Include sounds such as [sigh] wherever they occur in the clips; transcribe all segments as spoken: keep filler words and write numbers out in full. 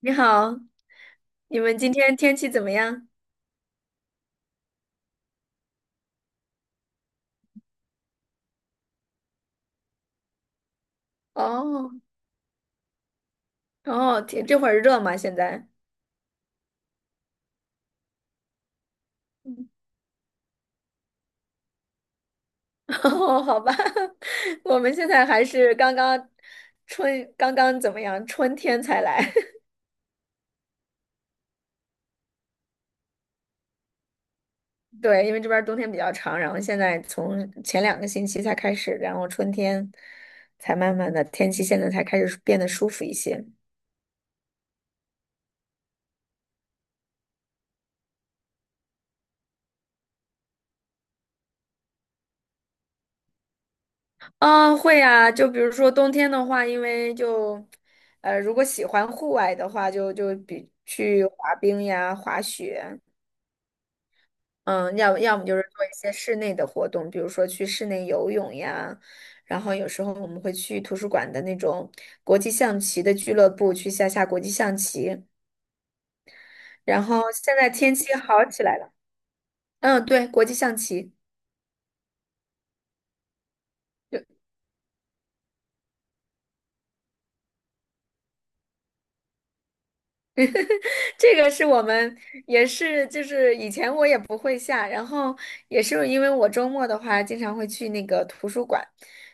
你好，你们今天天气怎么样？哦哦，天，这会儿热吗？现在？嗯 [laughs] 哦，好吧，[laughs] 我们现在还是刚刚春，刚刚怎么样？春天才来。[laughs] 对，因为这边儿冬天比较长，然后现在从前两个星期才开始，然后春天才慢慢的天气现在才开始变得舒服一些。嗯，会呀，就比如说冬天的话，因为就，呃，如果喜欢户外的话，就就比去滑冰呀、滑雪，嗯，要要么就是做一些室内的活动，比如说去室内游泳呀，然后有时候我们会去图书馆的那种国际象棋的俱乐部去下下国际象棋，然后现在天气好起来了，嗯，对，国际象棋。这个是我们也是，就是以前我也不会下，然后也是因为我周末的话，经常会去那个图书馆，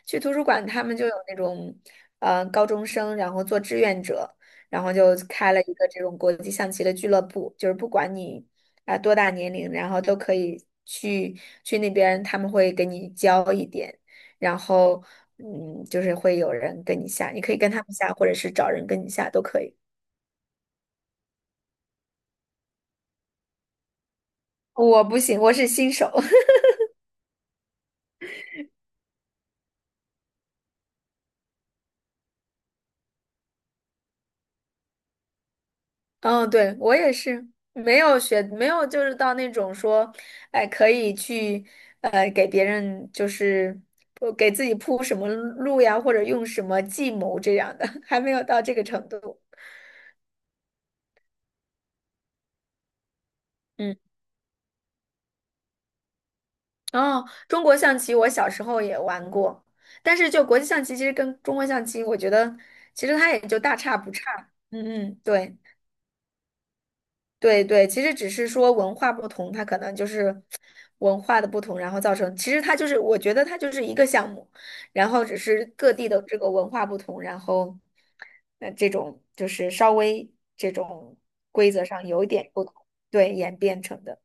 去图书馆他们就有那种，呃，高中生，然后做志愿者，然后就开了一个这种国际象棋的俱乐部，就是不管你啊、多大年龄，然后都可以去去那边，他们会给你教一点，然后嗯，就是会有人跟你下，你可以跟他们下，或者是找人跟你下都可以。我不行，我是新手。嗯，对，我也是，没有学，没有就是到那种说，哎，可以去，呃，给别人就是呃给自己铺什么路呀，或者用什么计谋这样的，[laughs] 还没有到这个程度。嗯，哦，中国象棋我小时候也玩过，但是就国际象棋，其实跟中国象棋，我觉得其实它也就大差不差。嗯嗯，对。对对，其实只是说文化不同，它可能就是文化的不同，然后造成，其实它就是，我觉得它就是一个项目，然后只是各地的这个文化不同，然后呃这种就是稍微这种规则上有一点不同，对，演变成的。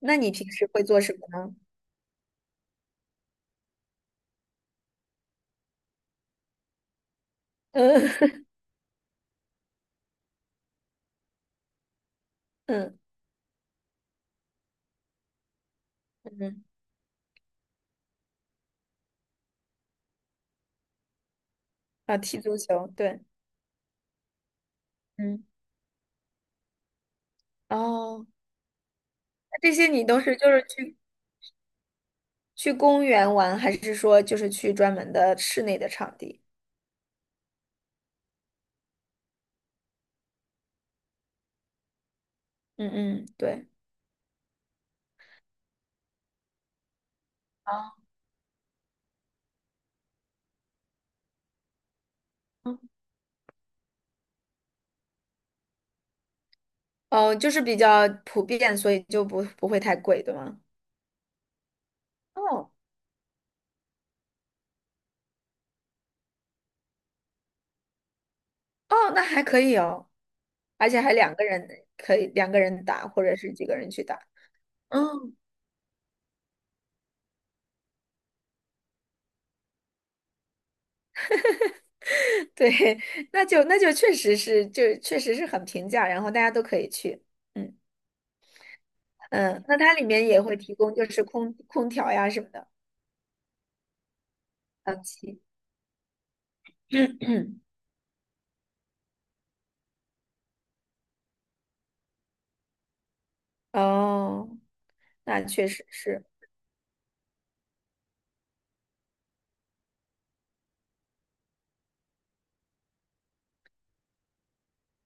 那你平时会做什么呢？嗯 [laughs] 嗯嗯，啊，踢足球，对，嗯，哦，那这些你都是就是去去公园玩，还是说就是去专门的室内的场地？嗯嗯，对。啊，哦，就是比较普遍，所以就不不会太贵，对吗？哦哦，那还可以哦，而且还两个人可以两个人打，或者是几个人去打。嗯，[laughs] 对，[laughs] 那就那就确实是，就确实是很平价，然后大家都可以去。嗯嗯，那它里面也会提供就是空空调呀什么的，嗯，气。[coughs] [clears throat] 哦，那确实是。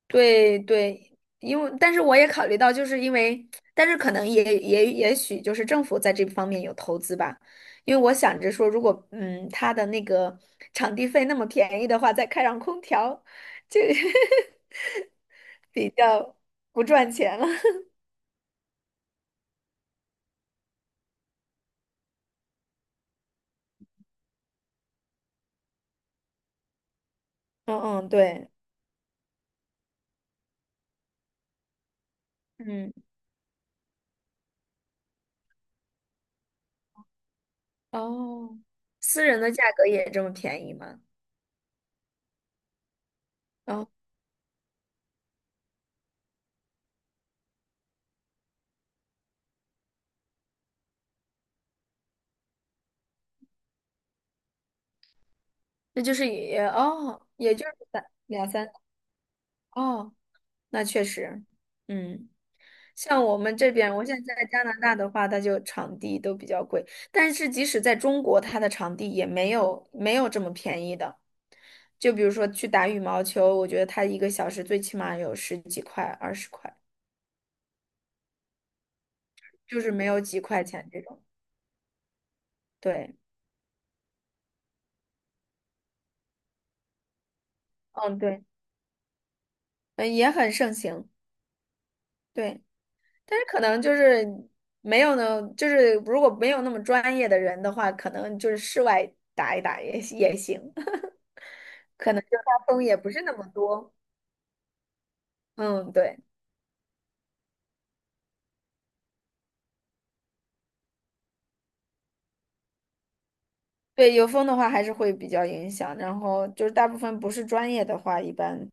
对对，因为但是我也考虑到，就是因为，但是可能也也也许就是政府在这方面有投资吧，因为我想着说，如果嗯他的那个场地费那么便宜的话，再开上空调，就 [laughs] 比较不赚钱了。[laughs] 嗯嗯，对，嗯，哦，私人的价格也这么便宜吗？哦，那就是也哦，也就是三两三哦，那确实，嗯。像我们这边，我现在在加拿大的话，它就场地都比较贵，但是即使在中国，它的场地也没有没有这么便宜的。就比如说去打羽毛球，我觉得它一个小时最起码有十几块、二十块，就是没有几块钱这种。对，嗯，对，嗯，也很盛行，对，但是可能就是没有呢，就是如果没有那么专业的人的话，可能就是室外打一打也也行，[laughs] 风也不是那么多。嗯，对。对，有风的话还是会比较影响，然后就是大部分不是专业的话，一般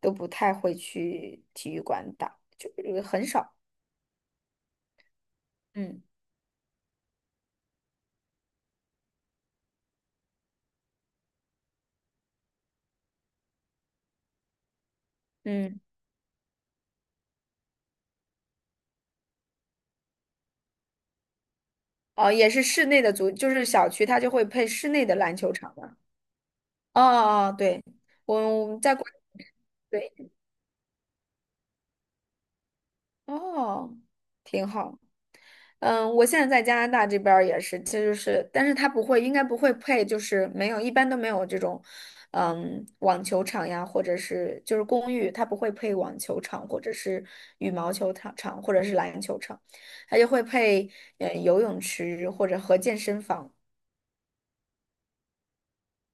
都不太会去体育馆打，就是很少。嗯嗯，哦，也是室内的足，就是小区它就会配室内的篮球场嘛。哦哦，对，我我们在国对，哦，挺好。嗯，我现在在加拿大这边儿也是，其实是，但是他不会，应该不会配，就是没有，一般都没有这种，嗯，网球场呀，或者是就是公寓，它不会配网球场，或者是羽毛球场场，或者是篮球场，它就会配呃游泳池或者和健身房。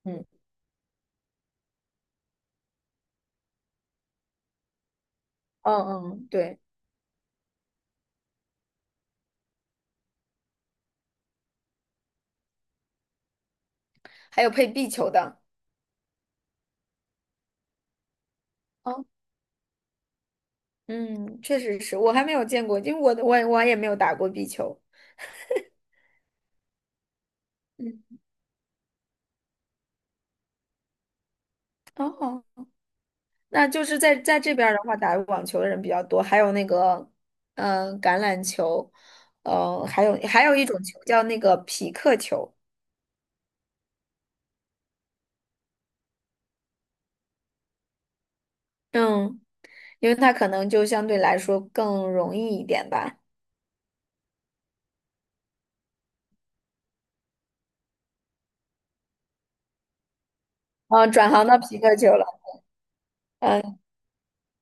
嗯，嗯嗯，对，还有配壁球的。哦，嗯，确实是我还没有见过，因为我我我也没有打过壁球。嗯，哦。那就是在在这边儿的话，打网球的人比较多，还有那个，嗯、橄榄球，呃，还有还有一种球叫那个匹克球，嗯，因为它可能就相对来说更容易一点吧。嗯、转行到匹克球了，嗯、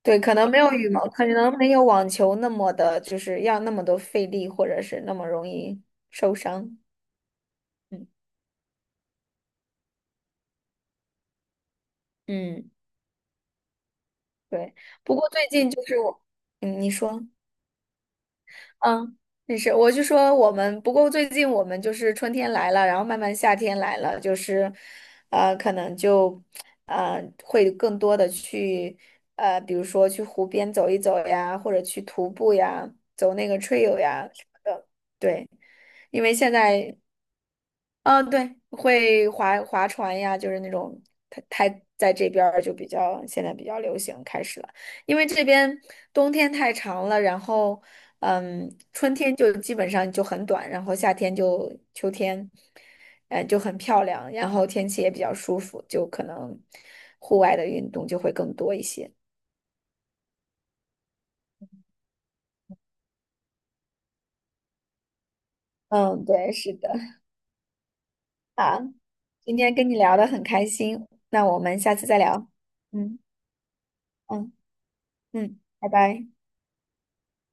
对，可能没有羽毛，可能没有网球那么的，就是要那么多费力，或者是那么容易受伤。嗯嗯，对。不过最近就是我，嗯，你说。嗯，没事，我就说我们，不过最近我们就是春天来了，然后慢慢夏天来了，就是，呃，可能就，呃，会更多的去，呃，比如说去湖边走一走呀，或者去徒步呀，走那个 trail 呀什么的。对，因为现在嗯，对，会划划船呀，就是那种，它它在这边儿就比较现在比较流行开始了，因为这边冬天太长了，然后嗯，春天就基本上就很短，然后夏天就秋天，呃，就很漂亮，然后天气也比较舒服，就可能户外的运动就会更多一些。嗯，对，是的，好，今天跟你聊的很开心，那我们下次再聊。嗯嗯嗯，拜拜。